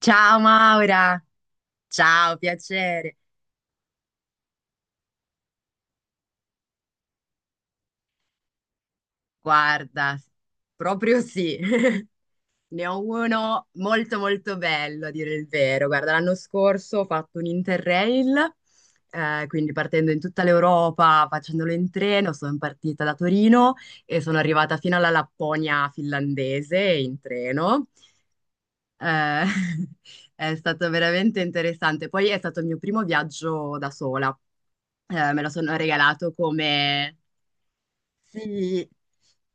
Ciao Maura, ciao, piacere. Guarda, proprio sì, ne ho uno molto molto bello, a dire il vero. Guarda, l'anno scorso ho fatto un Interrail, quindi partendo in tutta l'Europa, facendolo in treno, sono partita da Torino e sono arrivata fino alla Lapponia finlandese in treno. Eh, è stato veramente interessante. Poi è stato il mio primo viaggio da sola. Me lo sono regalato come... Sì,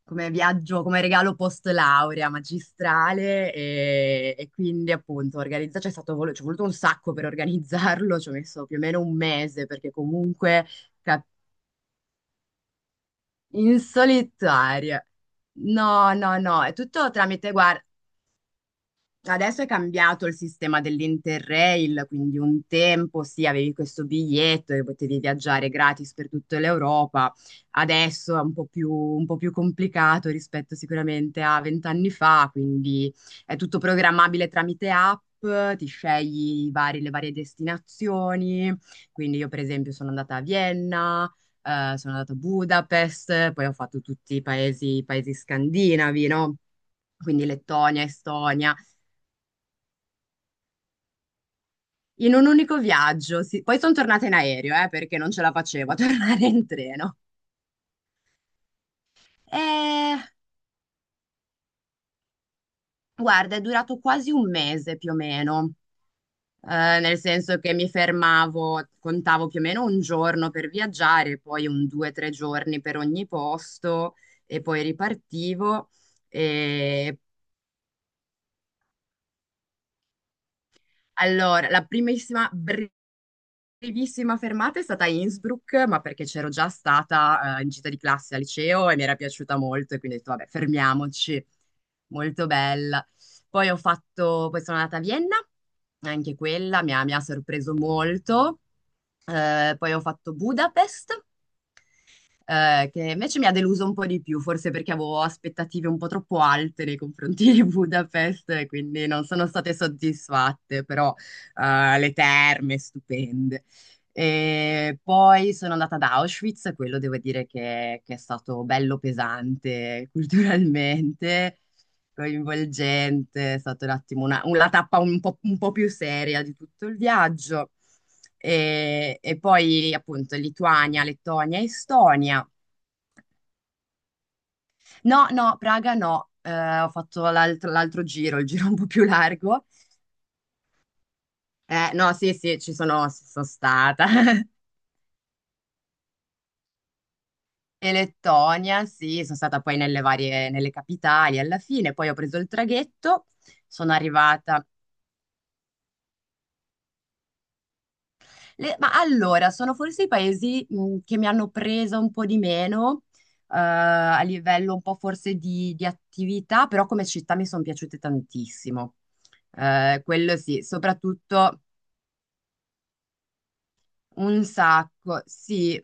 come viaggio, come regalo post laurea magistrale e quindi appunto organizza, c'è stato, ci è voluto un sacco per organizzarlo, ci ho messo più o meno un mese perché comunque ca- in solitaria. No, no, no, è tutto tramite, guarda. Adesso è cambiato il sistema dell'Interrail, quindi un tempo sì, avevi questo biglietto e potevi viaggiare gratis per tutta l'Europa. Adesso è un po' più complicato rispetto sicuramente a 20 anni fa, quindi è tutto programmabile tramite app, ti scegli le varie destinazioni. Quindi io per esempio sono andata a Vienna, sono andata a Budapest, poi ho fatto tutti i paesi scandinavi, no? Quindi Lettonia, Estonia. In un unico viaggio. Sì. Poi sono tornata in aereo, perché non ce la facevo a tornare in treno. E guarda, è durato quasi un mese più o meno. Nel senso che mi fermavo, contavo più o meno un giorno per viaggiare, poi un 2 o 3 giorni per ogni posto e poi ripartivo. E allora, la primissima fermata è stata Innsbruck, ma perché c'ero già stata, in gita di classe al liceo e mi era piaciuta molto e quindi ho detto vabbè, fermiamoci. Molto bella. Poi sono andata a Vienna, anche quella mi ha sorpreso molto. Poi ho fatto Budapest, che invece mi ha deluso un po' di più, forse perché avevo aspettative un po' troppo alte nei confronti di Budapest, e quindi non sono state soddisfatte, però le terme stupende. E poi sono andata ad Auschwitz, quello devo dire che è stato bello pesante culturalmente, coinvolgente, è stata un attimo una tappa un po' più seria di tutto il viaggio. E poi appunto Lituania, Lettonia, Estonia. No, no, Praga no. Ho fatto l'altro giro, il giro un po' più largo. No, sì, sì, ci sono stata. E Lettonia, sì, sono stata poi nelle capitali alla fine, poi ho preso il traghetto, sono arrivata. Ma allora, sono forse i paesi che mi hanno preso un po' di meno, a livello un po' forse di attività, però come città mi sono piaciute tantissimo. Quello sì, soprattutto. Un sacco, sì.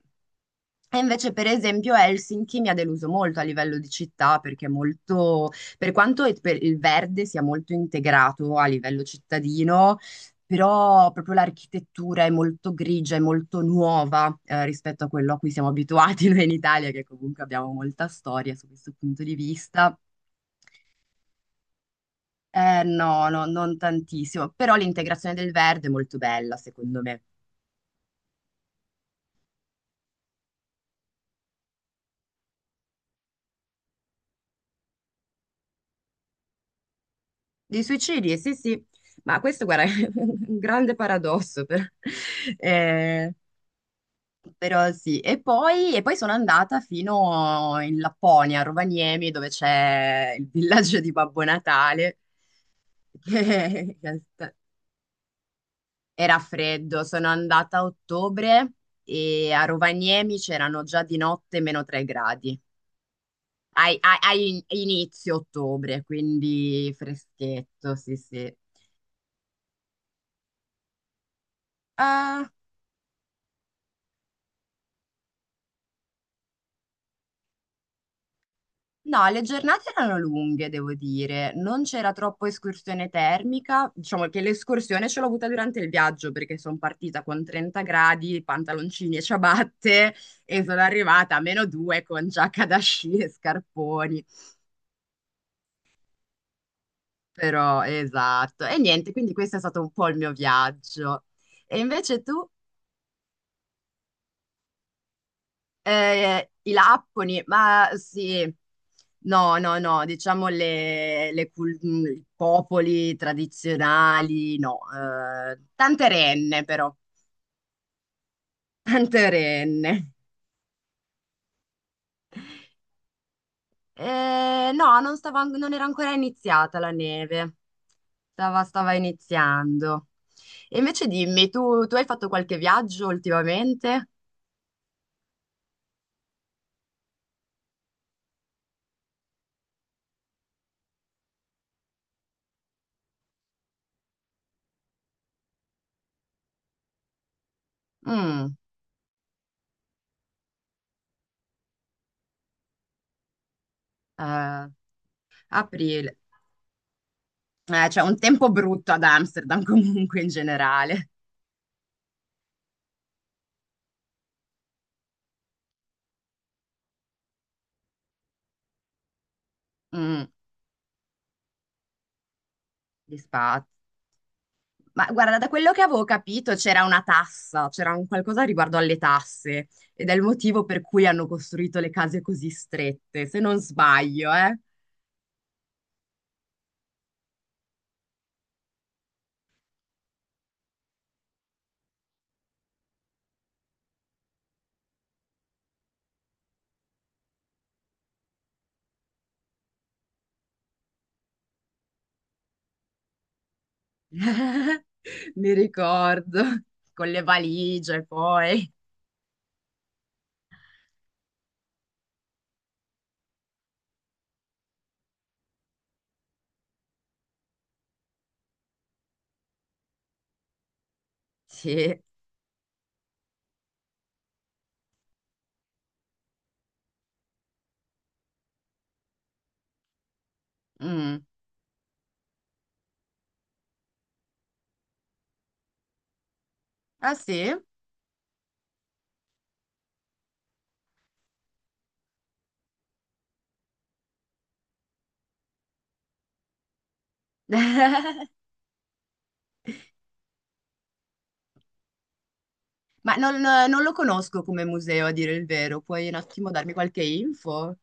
E invece, per esempio, Helsinki mi ha deluso molto a livello di città perché è molto, per quanto il verde sia molto integrato a livello cittadino, però proprio l'architettura è molto grigia, è molto nuova, rispetto a quello a cui siamo abituati noi in Italia, che comunque abbiamo molta storia su questo punto di vista. No, no, non tantissimo, però l'integrazione del verde è molto bella, secondo me. Di suicidi, sì, sì, ma questo, guarda, è un grande paradosso, eh, però sì. E poi sono andata fino in Lapponia, a Rovaniemi, dove c'è il villaggio di Babbo Natale, che era freddo. Sono andata a ottobre e a Rovaniemi c'erano già di notte meno 3 gradi. Inizio ottobre, quindi freschetto, sì, sì. Ah, no, le giornate erano lunghe, devo dire, non c'era troppo escursione termica, diciamo che l'escursione ce l'ho avuta durante il viaggio perché sono partita con 30 gradi, pantaloncini e ciabatte e sono arrivata a meno 2 con giacca da sci e scarponi, però esatto, e niente, quindi questo è stato un po' il mio viaggio. E invece tu? I lapponi, ma sì, no, no, no, diciamo i popoli tradizionali, no, tante renne però, tante renne. No, non stava, an- non era ancora iniziata la neve, stava iniziando. E invece dimmi, tu hai fatto qualche viaggio ultimamente? Mm, eh, Aprile, c'è un tempo brutto ad Amsterdam comunque in generale. Mm. Gli spazi. Ma guarda, da quello che avevo capito c'era una tassa, c'era un qualcosa riguardo alle tasse ed è il motivo per cui hanno costruito le case così strette, se non sbaglio, eh. Mi ricordo, con le valigie poi. Sì. Mm. Ah sì? Ma non, no, non lo conosco come museo, a dire il vero. Puoi un attimo darmi qualche info?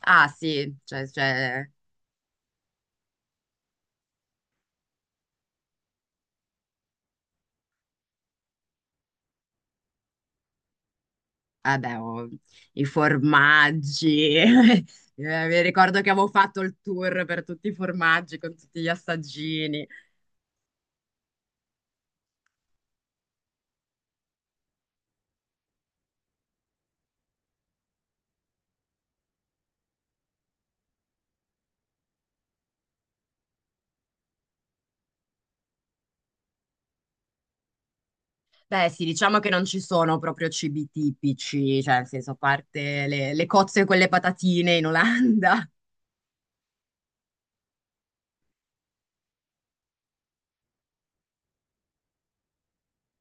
Ah sì, cioè, c'è. Vabbè, oh, i formaggi. Mi ricordo che avevo fatto il tour per tutti i formaggi con tutti gli assaggini. Beh, sì, diciamo che non ci sono proprio cibi tipici, cioè, nel senso, a parte le cozze con le patatine in Olanda.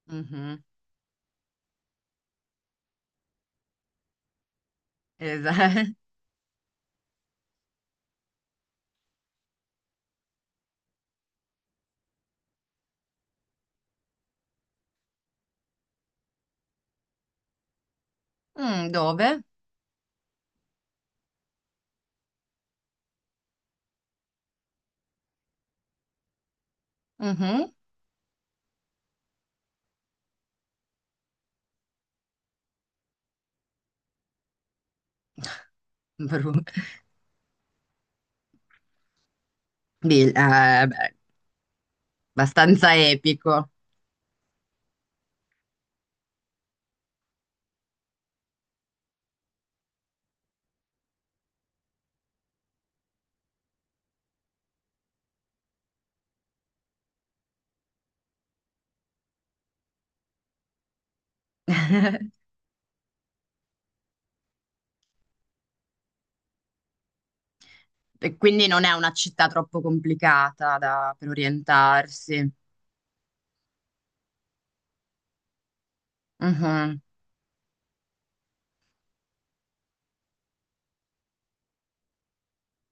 Mhm, esa- Mm, dove? Mhm. Bru- beh, abbastanza epico. E quindi non è una città troppo complicata per orientarsi. Mhm.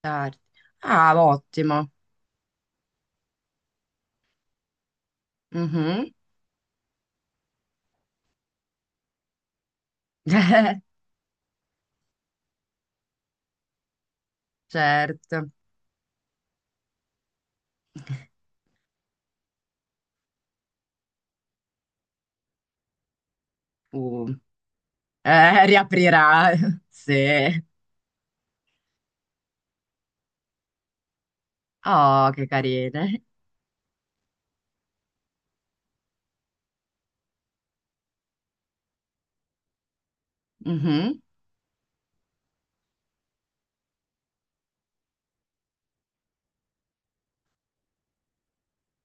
Tardi. Ah, ottimo. Mhm. Certo. Uh, riaprirà. Sì. Oh, che carine. Mhm,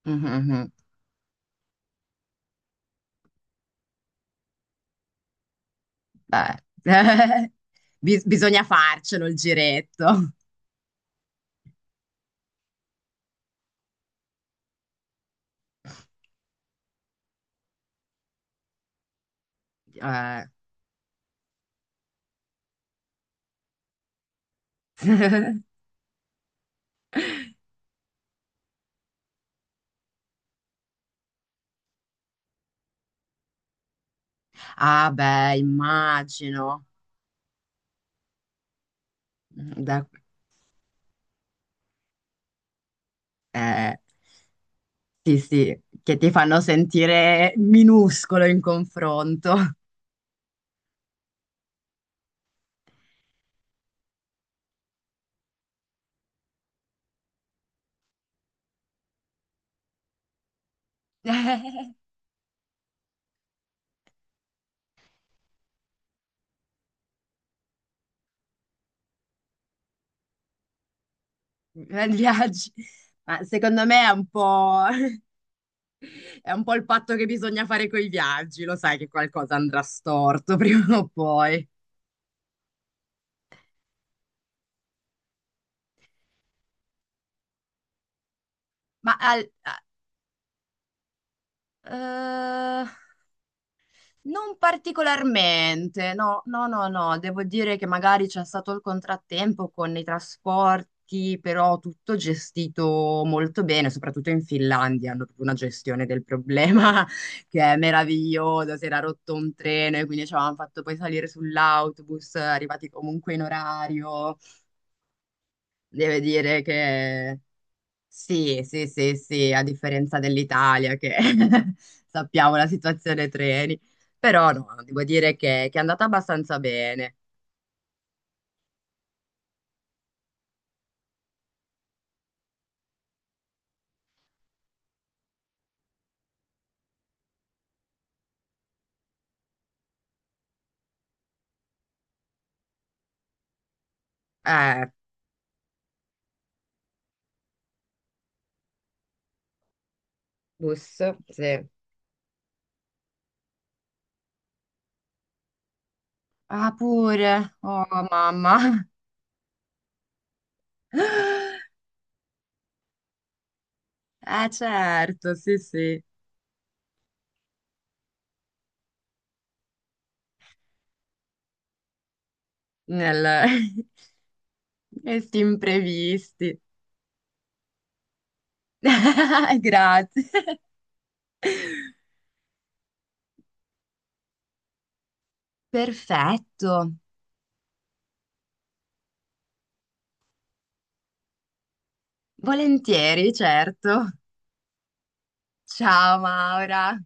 mhm, mhm. Beh. Bisogna farcelo il giretto. Eh, Ah, beh, immagino. Da- eh, sì, sì, che ti fanno sentire minuscolo in confronto. Grandi viaggi. Ma secondo me è un po', è un po' il patto che bisogna fare con i viaggi, lo sai che qualcosa andrà storto prima o poi. Ma al- a- eh, Non particolarmente, no, no, no, no, devo dire che magari c'è stato il contrattempo con i trasporti, però tutto gestito molto bene, soprattutto in Finlandia hanno proprio una gestione del problema che è meravigliosa, si era rotto un treno e quindi ci avevano fatto poi salire sull'autobus, arrivati comunque in orario, deve dire che sì, sì, sì, sì, a differenza dell'Italia che sappiamo la situazione treni, però no, devo dire che è andata abbastanza bene. Eh, bus, sì. Ah, pure, oh mamma, eh certo, sì, sì, nel... questi imprevisti. Grazie. Perfetto, volentieri, certo. Ciao Maura.